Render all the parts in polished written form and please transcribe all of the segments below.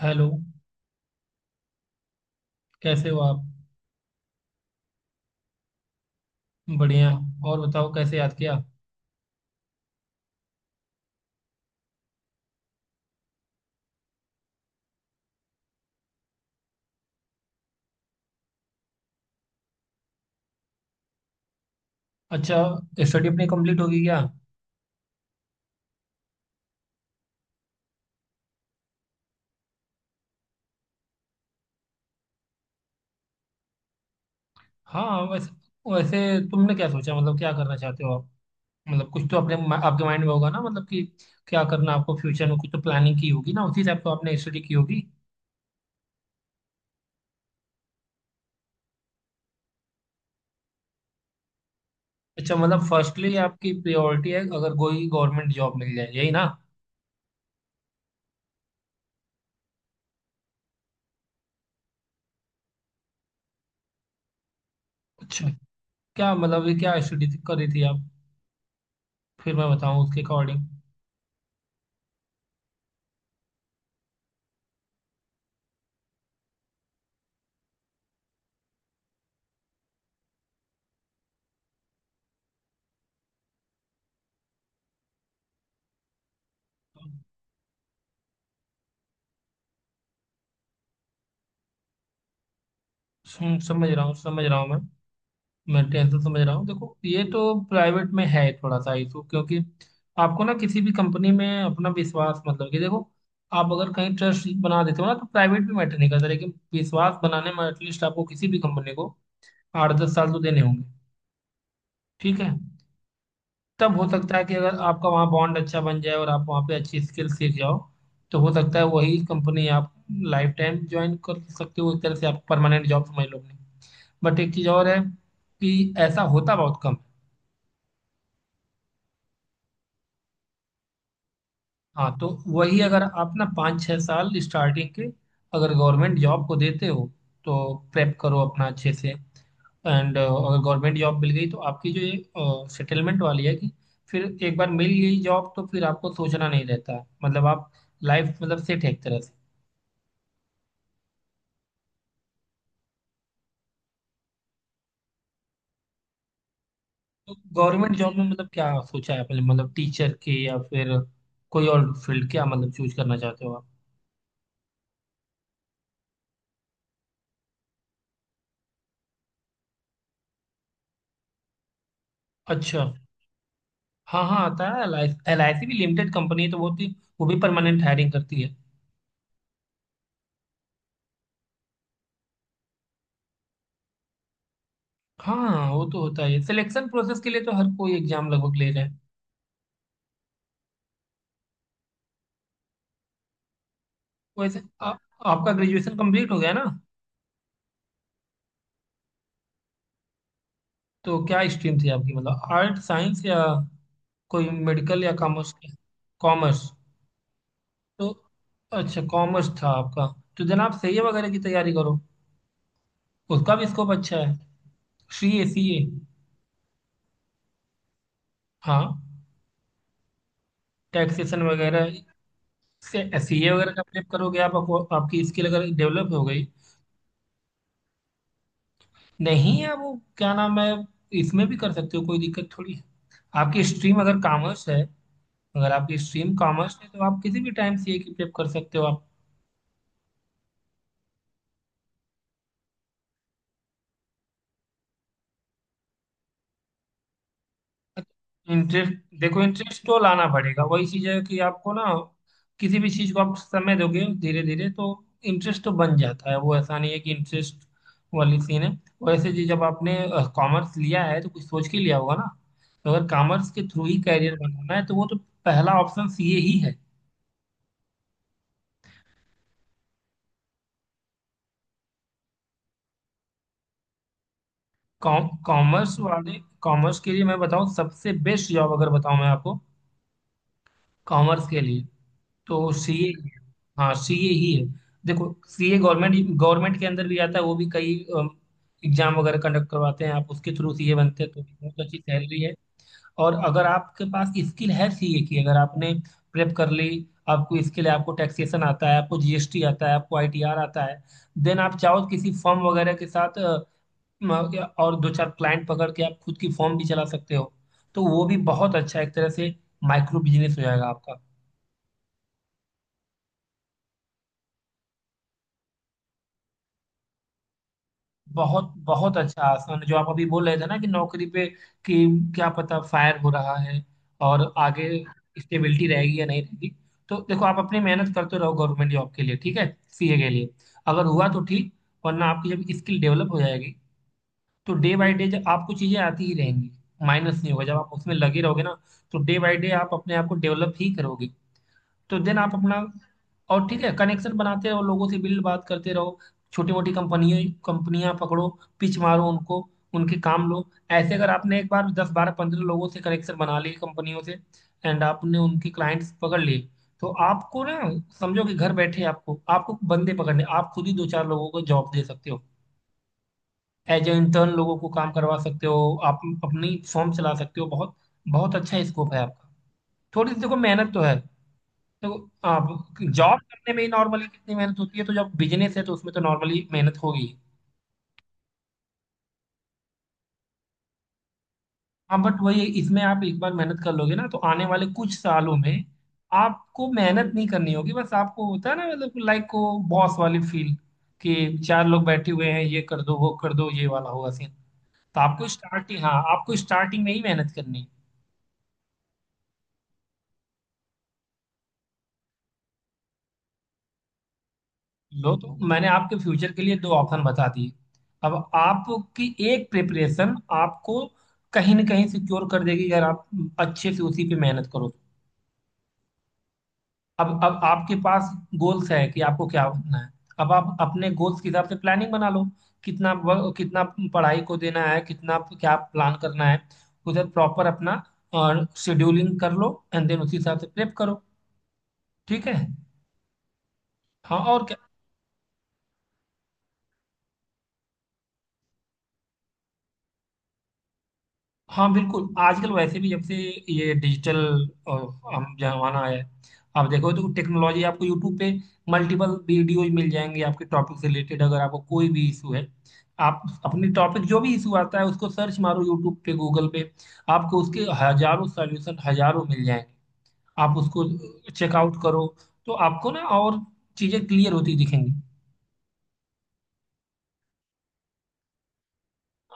Hello. कैसे हो आप? बढ़िया। और बताओ, कैसे याद किया? अच्छा, स्टडी अपनी कंप्लीट होगी क्या? हाँ। वैसे वैसे तुमने क्या सोचा, मतलब क्या करना चाहते हो आप? मतलब कुछ तो अपने आपके माइंड में होगा ना, मतलब कि क्या करना आपको फ्यूचर में। कुछ तो प्लानिंग की होगी ना, उसी हिसाब तो आपने स्टडी की होगी। अच्छा, मतलब फर्स्टली आपकी प्रायोरिटी है अगर कोई गवर्नमेंट जॉब मिल जाए, यही ना? अच्छा, क्या मतलब ये, क्या स्टडी कर रही थी आप? फिर मैं बताऊँ उसके अकॉर्डिंग। सुन, समझ रहा हूँ, समझ रहा हूँ मैं। मैं टेंशन समझ रहा हूँ। देखो, ये तो प्राइवेट में है थोड़ा सा इशू, क्योंकि आपको ना किसी भी कंपनी में अपना विश्वास, मतलब कि देखो, आप अगर कहीं ट्रस्ट बना देते हो ना तो प्राइवेट भी मैटर नहीं करता, लेकिन विश्वास बनाने में एटलीस्ट आपको किसी भी कंपनी को 8-10 साल तो देने होंगे। ठीक है। तब हो सकता है कि अगर आपका वहाँ बॉन्ड अच्छा बन जाए और आप वहाँ पे अच्छी स्किल सीख जाओ तो हो सकता है वही कंपनी आप लाइफ टाइम ज्वाइन कर सकते हो। एक तरह से आप परमानेंट जॉब समझ लो अपनी। बट एक चीज़ और है, कि ऐसा होता बहुत कम है। हाँ, तो वही अगर आप ना 5-6 साल स्टार्टिंग के अगर गवर्नमेंट जॉब को देते हो तो प्रेप करो अपना अच्छे से। एंड अगर गवर्नमेंट जॉब मिल गई तो आपकी जो ये सेटलमेंट वाली है, कि फिर एक बार मिल गई जॉब तो फिर आपको सोचना नहीं रहता है। मतलब आप लाइफ मतलब सेट है एक तरह से। तो गवर्नमेंट जॉब में मतलब क्या सोचा है आपने, मतलब टीचर के या फिर कोई और फील्ड, क्या मतलब चूज करना चाहते हो आप? अच्छा। हाँ हाँ, आता है। एल आई सी भी लिमिटेड कंपनी है, तो वो भी, वो भी परमानेंट हायरिंग करती है। हाँ, वो तो होता है। सिलेक्शन प्रोसेस के लिए तो हर कोई एग्जाम लगभग ले रहा है। वैसे हाँ। आपका ग्रेजुएशन कंप्लीट हो गया ना? तो क्या स्ट्रीम थी आपकी, मतलब आर्ट, साइंस, या कोई मेडिकल या कॉमर्स की? कॉमर्स? तो अच्छा, कॉमर्स था आपका। तो जनाब, सीए वगैरह की तैयारी करो। उसका भी स्कोप अच्छा है। CA, CA. हाँ, टैक्सेशन वगैरह से। सीए वगैरह का prep करोगे आप, आपको आपकी स्किल अगर डेवलप हो गई, नहीं है वो, क्या नाम है, इसमें भी कर सकते हो, कोई दिक्कत थोड़ी है। आपकी स्ट्रीम अगर कॉमर्स है, अगर आपकी स्ट्रीम कॉमर्स है तो आप किसी भी टाइम सीए की प्रेप कर सकते हो आप। इंटरेस्ट? देखो, इंटरेस्ट तो लाना पड़ेगा। वही चीज है कि आपको ना किसी भी चीज को आप समय दोगे धीरे धीरे तो इंटरेस्ट तो बन जाता है। वो ऐसा नहीं है कि इंटरेस्ट वाली सीन है। वैसे जी, जब आपने कॉमर्स लिया है तो कुछ सोच के लिया होगा ना। तो अगर कॉमर्स के थ्रू ही कैरियर बनाना है तो वो तो पहला ऑप्शन सीए ही है। कॉमर्स वाले, कॉमर्स के लिए मैं बताऊं सबसे बेस्ट जॉब, अगर बताऊं मैं आपको कॉमर्स के लिए, तो सीए। हाँ, सीए ही है। देखो, सीए गवर्नमेंट गवर्नमेंट के अंदर भी आता है। वो भी कई एग्जाम वगैरह कंडक्ट करवाते हैं। आप उसके थ्रू सीए बनते हैं तो भी बहुत अच्छी सैलरी है। और अगर आपके पास स्किल है सीए की, अगर आपने प्रेप कर ली, आपको स्किल है, आपको टैक्सेशन आता है, आपको जीएसटी आता है, आपको आईटीआर आता है, देन आप चाहो तो किसी फर्म वगैरह के साथ और दो चार क्लाइंट पकड़ के आप खुद की फर्म भी चला सकते हो। तो वो भी बहुत अच्छा, एक तरह से माइक्रो बिजनेस हो जाएगा आपका। बहुत बहुत अच्छा आसन है। जो आप अभी बोल रहे थे ना कि नौकरी पे, कि क्या पता, फायर हो रहा है और आगे स्टेबिलिटी रहेगी या नहीं रहेगी, तो देखो, आप अपनी मेहनत करते रहो गवर्नमेंट जॉब के लिए, ठीक है? सीए के लिए अगर हुआ तो ठीक, वरना आपकी जब स्किल डेवलप हो जाएगी तो डे बाय डे जब आपको चीजें आती ही रहेंगी, माइनस नहीं होगा जब आप उसमें लगे रहोगे ना, तो डे बाय डे आप अपने आप को डेवलप ही करोगे। तो देन आप अपना, और ठीक है, कनेक्शन बनाते रहो लोगों से, बिल्ड बात करते रहो। छोटी मोटी कंपनियों, कंपनियां पकड़ो, पिच मारो उनको, उनके काम लो। ऐसे अगर आपने एक बार 10-12-15 लोगों से कनेक्शन बना लिए कंपनियों से, एंड आपने उनके क्लाइंट्स पकड़ लिए, तो आपको ना, समझो कि घर बैठे आपको आपको बंदे पकड़ने, आप खुद ही दो चार लोगों को जॉब दे सकते हो, एज ए इंटर्न लोगों को काम करवा सकते हो। आप अपनी फॉर्म चला सकते हो। बहुत बहुत अच्छा स्कोप है आपका। थोड़ी सी देखो मेहनत तो है, तो आप जॉब करने में ही नॉर्मली कितनी मेहनत होती है, तो जब बिजनेस है तो उसमें तो नॉर्मली मेहनत होगी। हाँ, बट वही है, इसमें आप एक बार मेहनत कर लोगे ना तो आने वाले कुछ सालों में आपको मेहनत नहीं करनी होगी। बस आपको होता है ना, मतलब लाइक को बॉस वाली फील, कि चार लोग बैठे हुए हैं, ये कर दो वो कर दो, ये वाला होगा सीन। तो आपको स्टार्टिंग, हाँ आपको स्टार्टिंग में ही मेहनत करनी है। लो, तो मैंने आपके फ्यूचर के लिए दो ऑप्शन बता दिए। अब आपकी एक प्रिपरेशन आपको कहीं ना कहीं सिक्योर कर देगी अगर आप अच्छे से उसी पे मेहनत करो। अब आपके पास गोल्स है कि आपको क्या बनना है। अब आप अपने गोल्स के हिसाब से प्लानिंग बना लो, कितना कितना पढ़ाई को देना है, कितना क्या प्लान करना है, उधर प्रॉपर अपना शेड्यूलिंग कर लो। एंड देन उसी हिसाब से प्रेप करो, ठीक है? हाँ, और क्या। हाँ बिल्कुल, आजकल वैसे भी जब से ये डिजिटल अ, हम जमाना आया है, आप देखो तो, टेक्नोलॉजी आपको यूट्यूब पे मल्टीपल वीडियोज मिल जाएंगे आपके टॉपिक से रिलेटेड। अगर आपको कोई भी इशू है, आप अपनी टॉपिक जो भी इशू आता है उसको सर्च मारो यूट्यूब पे, गूगल पे, आपको उसके हजारों सॉल्यूशन, हजारों मिल जाएंगे। आप उसको चेकआउट करो तो आपको ना और चीज़ें क्लियर होती दिखेंगी।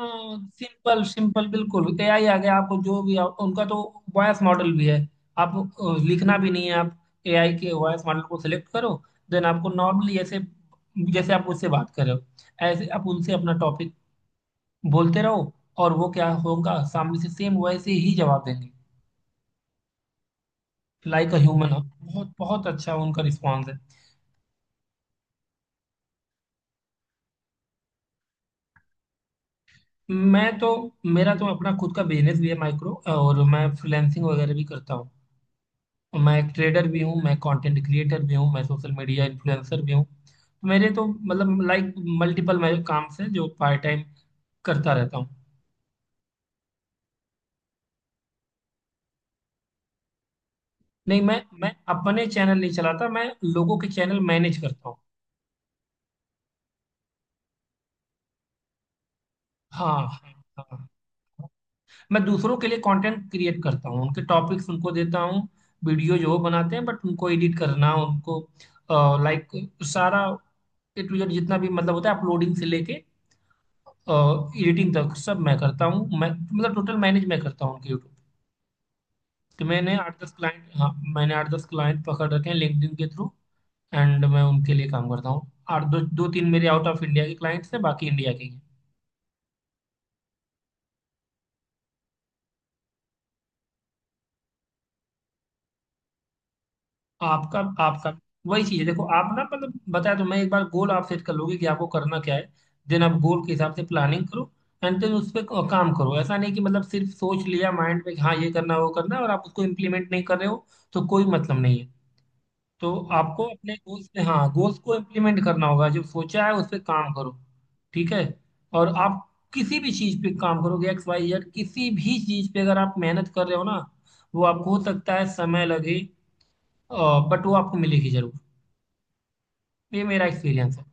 सिंपल सिंपल, बिल्कुल, एआई आ गया। आपको जो भी उनका तो वॉइस मॉडल भी है। आप लिखना भी नहीं है। आप एआई के वॉइस मॉडल को सिलेक्ट करो, देन आपको नॉर्मली ऐसे, जैसे आप उससे बात कर रहे हो, ऐसे आप उनसे अपना टॉपिक बोलते रहो, और वो क्या होगा, सामने से सेम वैसे ही जवाब देंगे, लाइक अ ह्यूमन। बहुत बहुत अच्छा उनका रिस्पॉन्स है। मैं तो, मेरा तो अपना खुद का बिजनेस भी है माइक्रो, और मैं फ्रीलैंसिंग वगैरह भी करता हूँ। मैं ट्रेडर भी हूँ, मैं कंटेंट क्रिएटर भी हूँ, मैं सोशल मीडिया इन्फ्लुएंसर भी हूँ। तो मेरे तो मतलब लाइक मल्टीपल मैं काम से जो पार्ट टाइम करता रहता हूँ। नहीं, मैं अपने चैनल नहीं चलाता, मैं लोगों के चैनल मैनेज करता हूँ। हाँ हाँ। हाँ हाँ। मैं दूसरों के लिए कंटेंट क्रिएट करता हूँ, उनके टॉपिक्स उनको देता हूँ। वीडियो जो वो बनाते हैं, बट उनको एडिट करना, उनको लाइक सारा ए टू जेड जितना भी मतलब होता है, अपलोडिंग से लेके एडिटिंग तक सब मैं करता हूँ। मैं मतलब टोटल मैनेज मैं करता हूँ उनके यूट्यूब। तो मैंने 8-10 क्लाइंट, हाँ मैंने 8-10 क्लाइंट पकड़ रखे हैं लिंक्डइन के थ्रू। एंड मैं उनके लिए काम करता हूँ। आठ दो, दो तीन मेरे आउट ऑफ इंडिया के क्लाइंट्स हैं, बाकी इंडिया के ही हैं। आपका आपका वही चीज है। देखो, आप ना मतलब बताया, तो मैं एक बार गोल आप सेट कर लोगे कि आपको करना क्या है, देन आप गोल के हिसाब से प्लानिंग करो, एंड देन उस पर काम करो। ऐसा नहीं कि मतलब सिर्फ सोच लिया माइंड में कि हाँ ये करना वो करना है, और आप उसको इम्प्लीमेंट नहीं कर रहे हो, तो कोई मतलब नहीं है। तो आपको अपने गोल्स पे, हाँ, गोल्स को इम्प्लीमेंट करना होगा, जो सोचा है उस पर काम करो। ठीक है? और आप किसी भी चीज पे काम करोगे, एक्स वाई जेड किसी भी चीज पे, अगर आप मेहनत कर रहे हो ना, वो आपको हो सकता है समय लगे, बट वो आपको मिलेगी जरूर। ये मेरा एक्सपीरियंस है।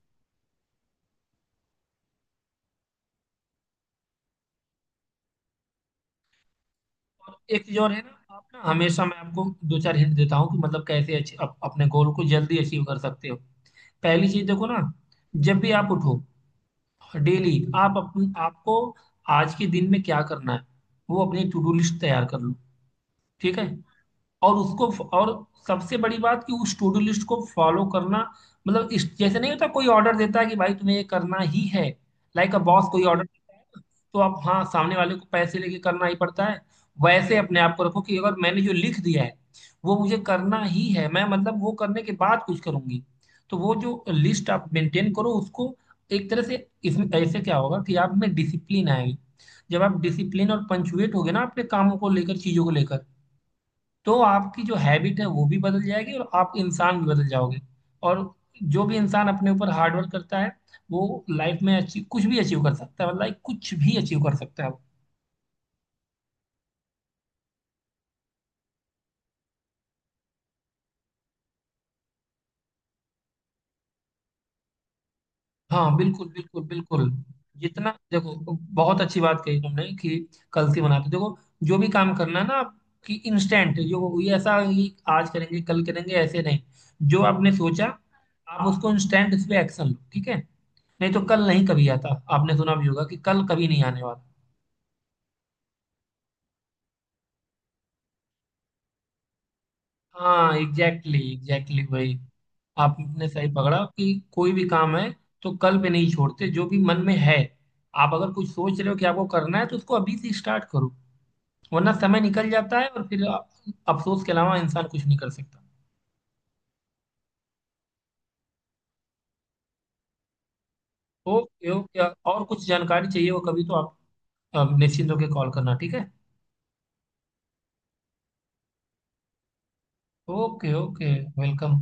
और एक चीज और है ना, आप ना, हमेशा मैं आपको दो चार हिंट देता हूँ कि मतलब कैसे अपने गोल को जल्दी अचीव कर सकते हो। पहली चीज देखो ना, जब भी आप उठो, डेली आप अपन आपको, आज के दिन में क्या करना है, वो अपनी टू डू लिस्ट तैयार कर लो। ठीक है? और उसको, और सबसे बड़ी बात कि उस टू डू लिस्ट को फॉलो करना। मतलब इस जैसे नहीं होता, कोई ऑर्डर देता है कि भाई तुम्हें ये करना ही है, लाइक अ बॉस, कोई ऑर्डर देता है ना, तो आप हाँ सामने वाले को पैसे लेके करना ही पड़ता है। वैसे अपने आप को रखो कि अगर मैंने जो लिख दिया है, वो मुझे करना ही है, मैं मतलब वो करने के बाद कुछ करूंगी। तो वो जो लिस्ट आप मेंटेन करो उसको, एक तरह से इसमें ऐसे क्या होगा कि आप में डिसिप्लिन आएगी। जब आप डिसिप्लिन और पंचुएट होगे ना अपने कामों को लेकर, चीजों को लेकर, तो आपकी जो हैबिट है वो भी बदल जाएगी और आप इंसान भी बदल जाओगे। और जो भी इंसान अपने ऊपर हार्ड वर्क करता है, वो लाइफ में अचीव, कुछ भी अचीव कर सकता है, लाइक कुछ भी अचीव कर सकता है वो। हाँ, बिल्कुल बिल्कुल बिल्कुल। जितना देखो, बहुत अच्छी बात कही तुमने कि कल से बनाते, देखो जो भी काम करना है ना आप, कि इंस्टेंट, जो ये ऐसा कि आज करेंगे कल करेंगे, ऐसे नहीं। जो आपने सोचा, आप उसको इंस्टेंट, इस पे एक्शन लो, ठीक है? नहीं तो कल नहीं कभी आता। आपने सुना भी होगा कि कल कभी नहीं आने वाला। हाँ, एग्जैक्टली exactly वही। आपने सही पकड़ा कि कोई भी काम है तो कल पे नहीं छोड़ते, जो भी मन में है, आप अगर कुछ सोच रहे हो कि आपको करना है तो उसको अभी से स्टार्ट करो, वरना समय निकल जाता है और फिर अफसोस के अलावा इंसान कुछ नहीं कर सकता। ओके ओके, और कुछ जानकारी चाहिए हो कभी तो आप निश्चिंत होकर कॉल करना, ठीक है? Okay okay, welcome.